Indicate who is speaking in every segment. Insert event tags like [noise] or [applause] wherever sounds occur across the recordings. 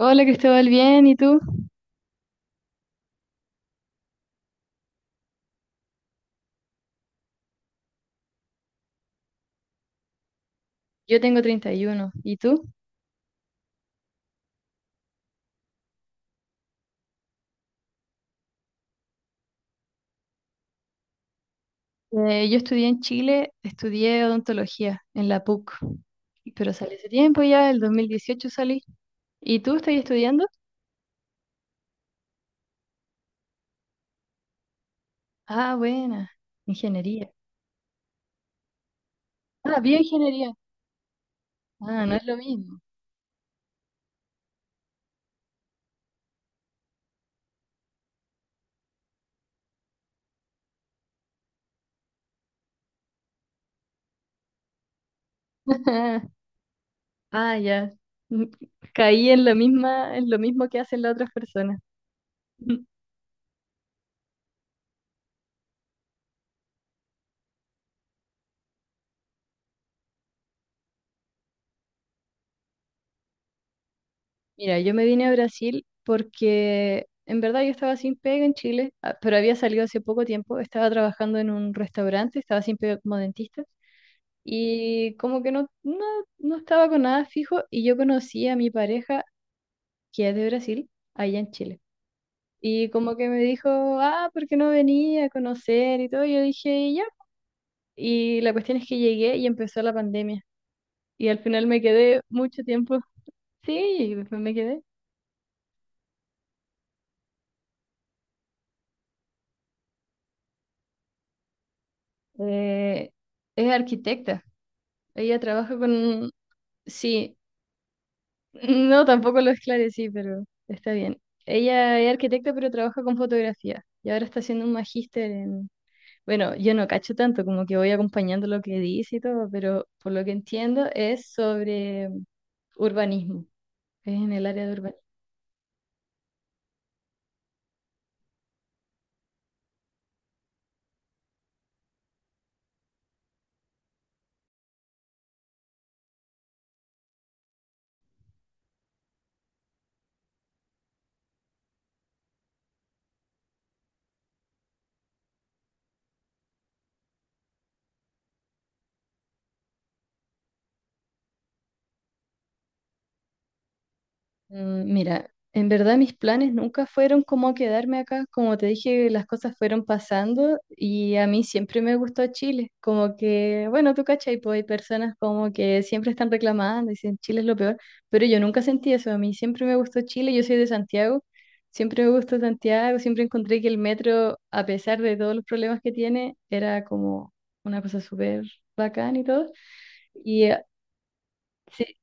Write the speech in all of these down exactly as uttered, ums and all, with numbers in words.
Speaker 1: Hola Cristóbal, bien, ¿y tú? Yo tengo treinta y uno, ¿y uno, ¿y tú? Eh, yo estudié en Chile, estudié odontología en la P U C, pero salí hace tiempo ya, el dos mil dieciocho salí. ¿Y tú estás estudiando? Ah, buena, ingeniería. Ah, bioingeniería. Ah, no es lo mismo. [laughs] Ah, ya. Mm, caí en lo misma, en lo mismo que hacen las otras personas. [laughs] Mira, yo me vine a Brasil porque en verdad yo estaba sin pega en Chile, ah, pero había salido hace poco tiempo, estaba trabajando en un restaurante, estaba sin pega como dentista y como que no, no, no estaba con nada fijo y yo conocí a mi pareja que es de Brasil, allá en Chile. Y como que me dijo, ah, ¿por qué no venía a conocer y todo? Y yo dije, ya. Y la cuestión es que llegué y empezó la pandemia y al final me quedé mucho tiempo. [laughs] Sí, me me quedé. Eh, es arquitecta. Ella trabaja con... Sí, [laughs] no, tampoco lo esclarecí, pero está bien. Ella es arquitecta, pero trabaja con fotografía. Y ahora está haciendo un magíster en... Bueno, yo no cacho tanto, como que voy acompañando lo que dice y todo, pero por lo que entiendo es sobre urbanismo. Es en el área de urbanismo. Mm, mira, en verdad mis planes nunca fueron como quedarme acá, como te dije, las cosas fueron pasando y a mí siempre me gustó Chile, como que, bueno, tú cachai, pues hay personas como que siempre están reclamando, dicen Chile es lo peor, pero yo nunca sentí eso, a mí siempre me gustó Chile, yo soy de Santiago, siempre me gustó Santiago, siempre encontré que el metro, a pesar de todos los problemas que tiene, era como una cosa súper bacán y todo, y eh, sí.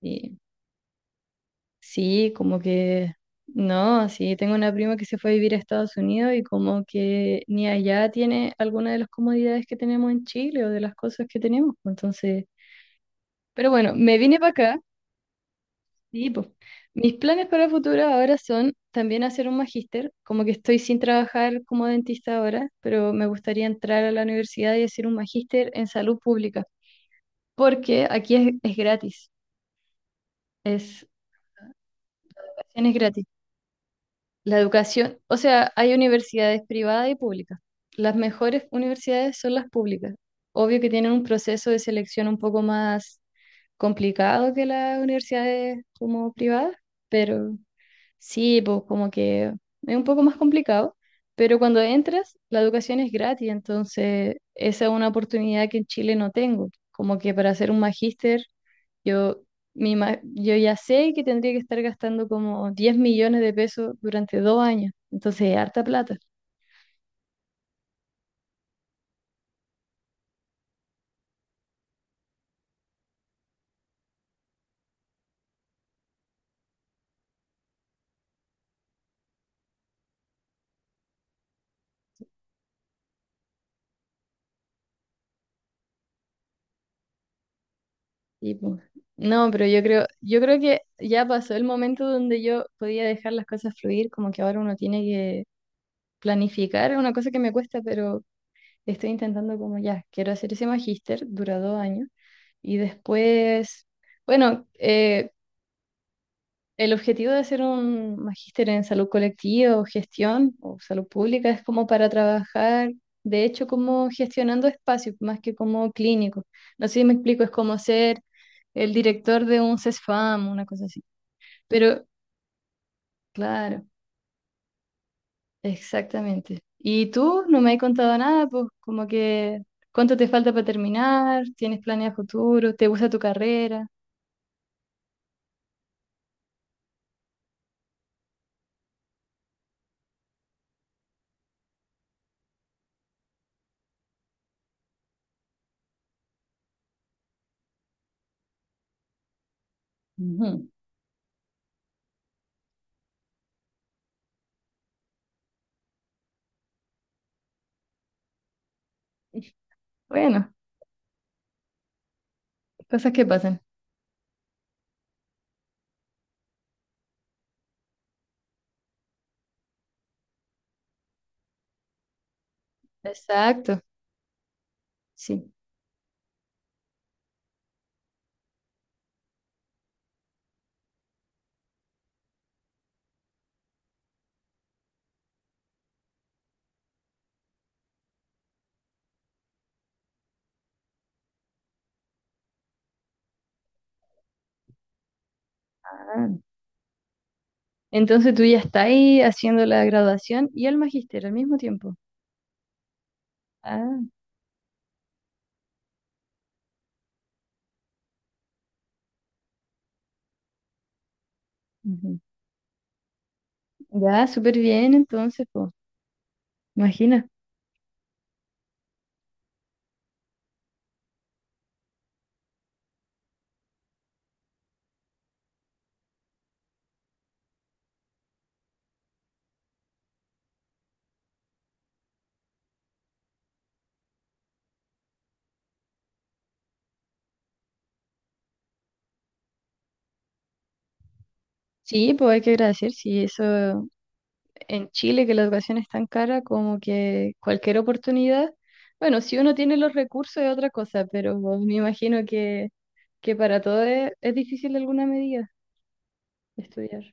Speaker 1: Sí. Sí, como que no, sí, tengo una prima que se fue a vivir a Estados Unidos y como que ni allá tiene alguna de las comodidades que tenemos en Chile o de las cosas que tenemos, pues. Entonces, pero bueno, me vine para acá. Sí, pues. Mis planes para el futuro ahora son también hacer un magíster, como que estoy sin trabajar como dentista ahora, pero me gustaría entrar a la universidad y hacer un magíster en salud pública, porque aquí es, es gratis, es, es gratis. La educación, o sea, hay universidades privadas y públicas. Las mejores universidades son las públicas. Obvio que tienen un proceso de selección un poco más complicado que las universidades como privadas, pero sí, pues como que es un poco más complicado, pero cuando entras, la educación es gratis, entonces esa es una oportunidad que en Chile no tengo. Como que para hacer un magíster, yo, mi ma- yo ya sé que tendría que estar gastando como diez millones de pesos durante dos años, entonces es harta plata. Y pues, no, pero yo creo, yo creo que ya pasó el momento donde yo podía dejar las cosas fluir, como que ahora uno tiene que planificar, es una cosa que me cuesta, pero estoy intentando como ya, quiero hacer ese magíster, dura dos años, y después, bueno, eh, el objetivo de hacer un magíster en salud colectiva o gestión o salud pública es como para trabajar, de hecho, como gestionando espacios, más que como clínico. No sé si me explico, es como ser el director de un CESFAM, una cosa así. Pero, claro. Exactamente. ¿Y tú no me has contado nada? Pues como que, ¿cuánto te falta para terminar? ¿Tienes planes a futuro? ¿Te gusta tu carrera? Ujú. Bueno, cosas que pasan. Exacto, sí. Ah, entonces tú ya estás ahí haciendo la graduación y el magíster al mismo tiempo. Ah, ujú. Ya, súper bien entonces, pues, imagina. Sí, pues hay que agradecer, sí, eso en Chile, que la educación es tan cara como que cualquier oportunidad, bueno, si uno tiene los recursos es otra cosa, pero me imagino que, que para todos es, es difícil de alguna medida estudiar,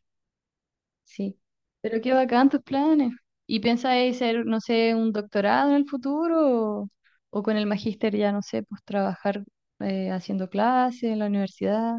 Speaker 1: sí. Pero qué bacán tus planes. ¿Y pensáis hacer, no sé, un doctorado en el futuro o, o con el magíster ya, no sé, pues trabajar eh, haciendo clases en la universidad?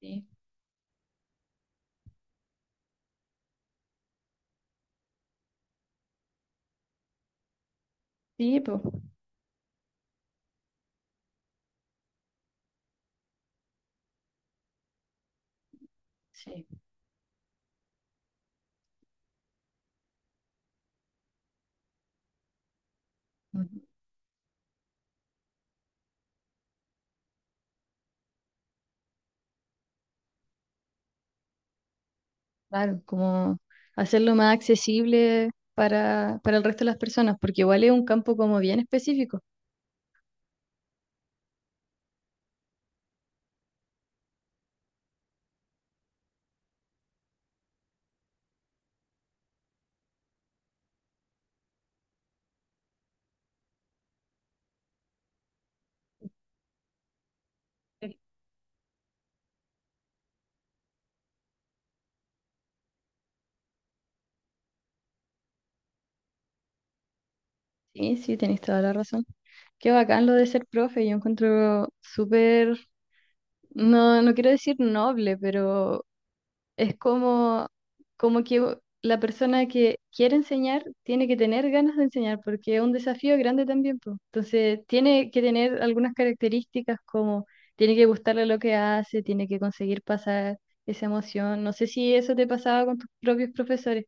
Speaker 1: Sí, sí, pues, sí. Claro, como hacerlo más accesible para, para el resto de las personas, porque igual es un campo como bien específico. Sí, sí, sí, tenés toda la razón. Qué bacán lo de ser profe, yo encuentro súper, no, no quiero decir noble, pero es como, como que la persona que quiere enseñar tiene que tener ganas de enseñar, porque es un desafío grande también, po. Entonces, tiene que tener algunas características como tiene que gustarle lo que hace, tiene que conseguir pasar esa emoción. No sé si eso te pasaba con tus propios profesores.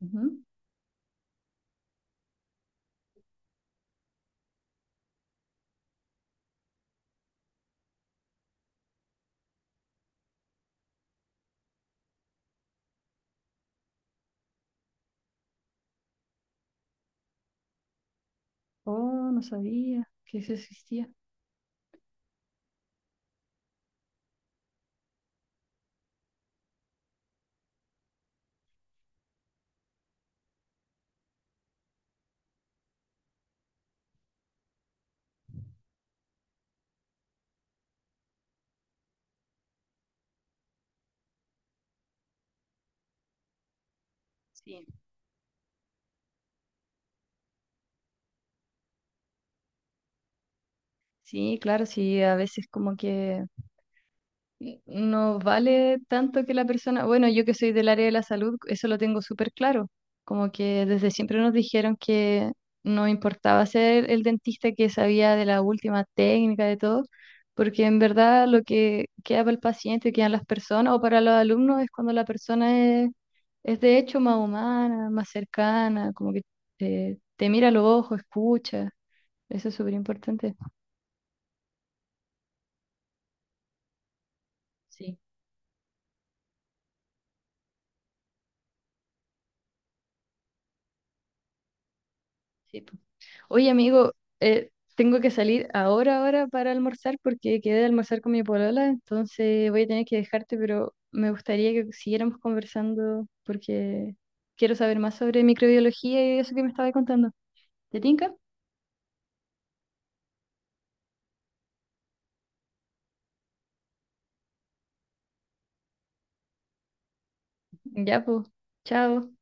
Speaker 1: Ujú. Oh, no sabía que eso existía. Sí. Sí, claro, sí, a veces como que no vale tanto que la persona, bueno, yo que soy del área de la salud, eso lo tengo súper claro, como que desde siempre nos dijeron que no importaba ser el dentista que sabía de la última técnica, de todo, porque en verdad lo que queda para el paciente, quedan las personas o para los alumnos es cuando la persona es, es de hecho más humana, más cercana, como que eh, te mira a los ojos, escucha, eso es súper importante. Sí, sí. Oye, amigo, eh, tengo que salir ahora, ahora para almorzar porque quedé de almorzar con mi polola, entonces voy a tener que dejarte, pero me gustaría que siguiéramos conversando porque quiero saber más sobre microbiología y eso que me estaba contando. ¿Te tinca? Ya, pues. Chao.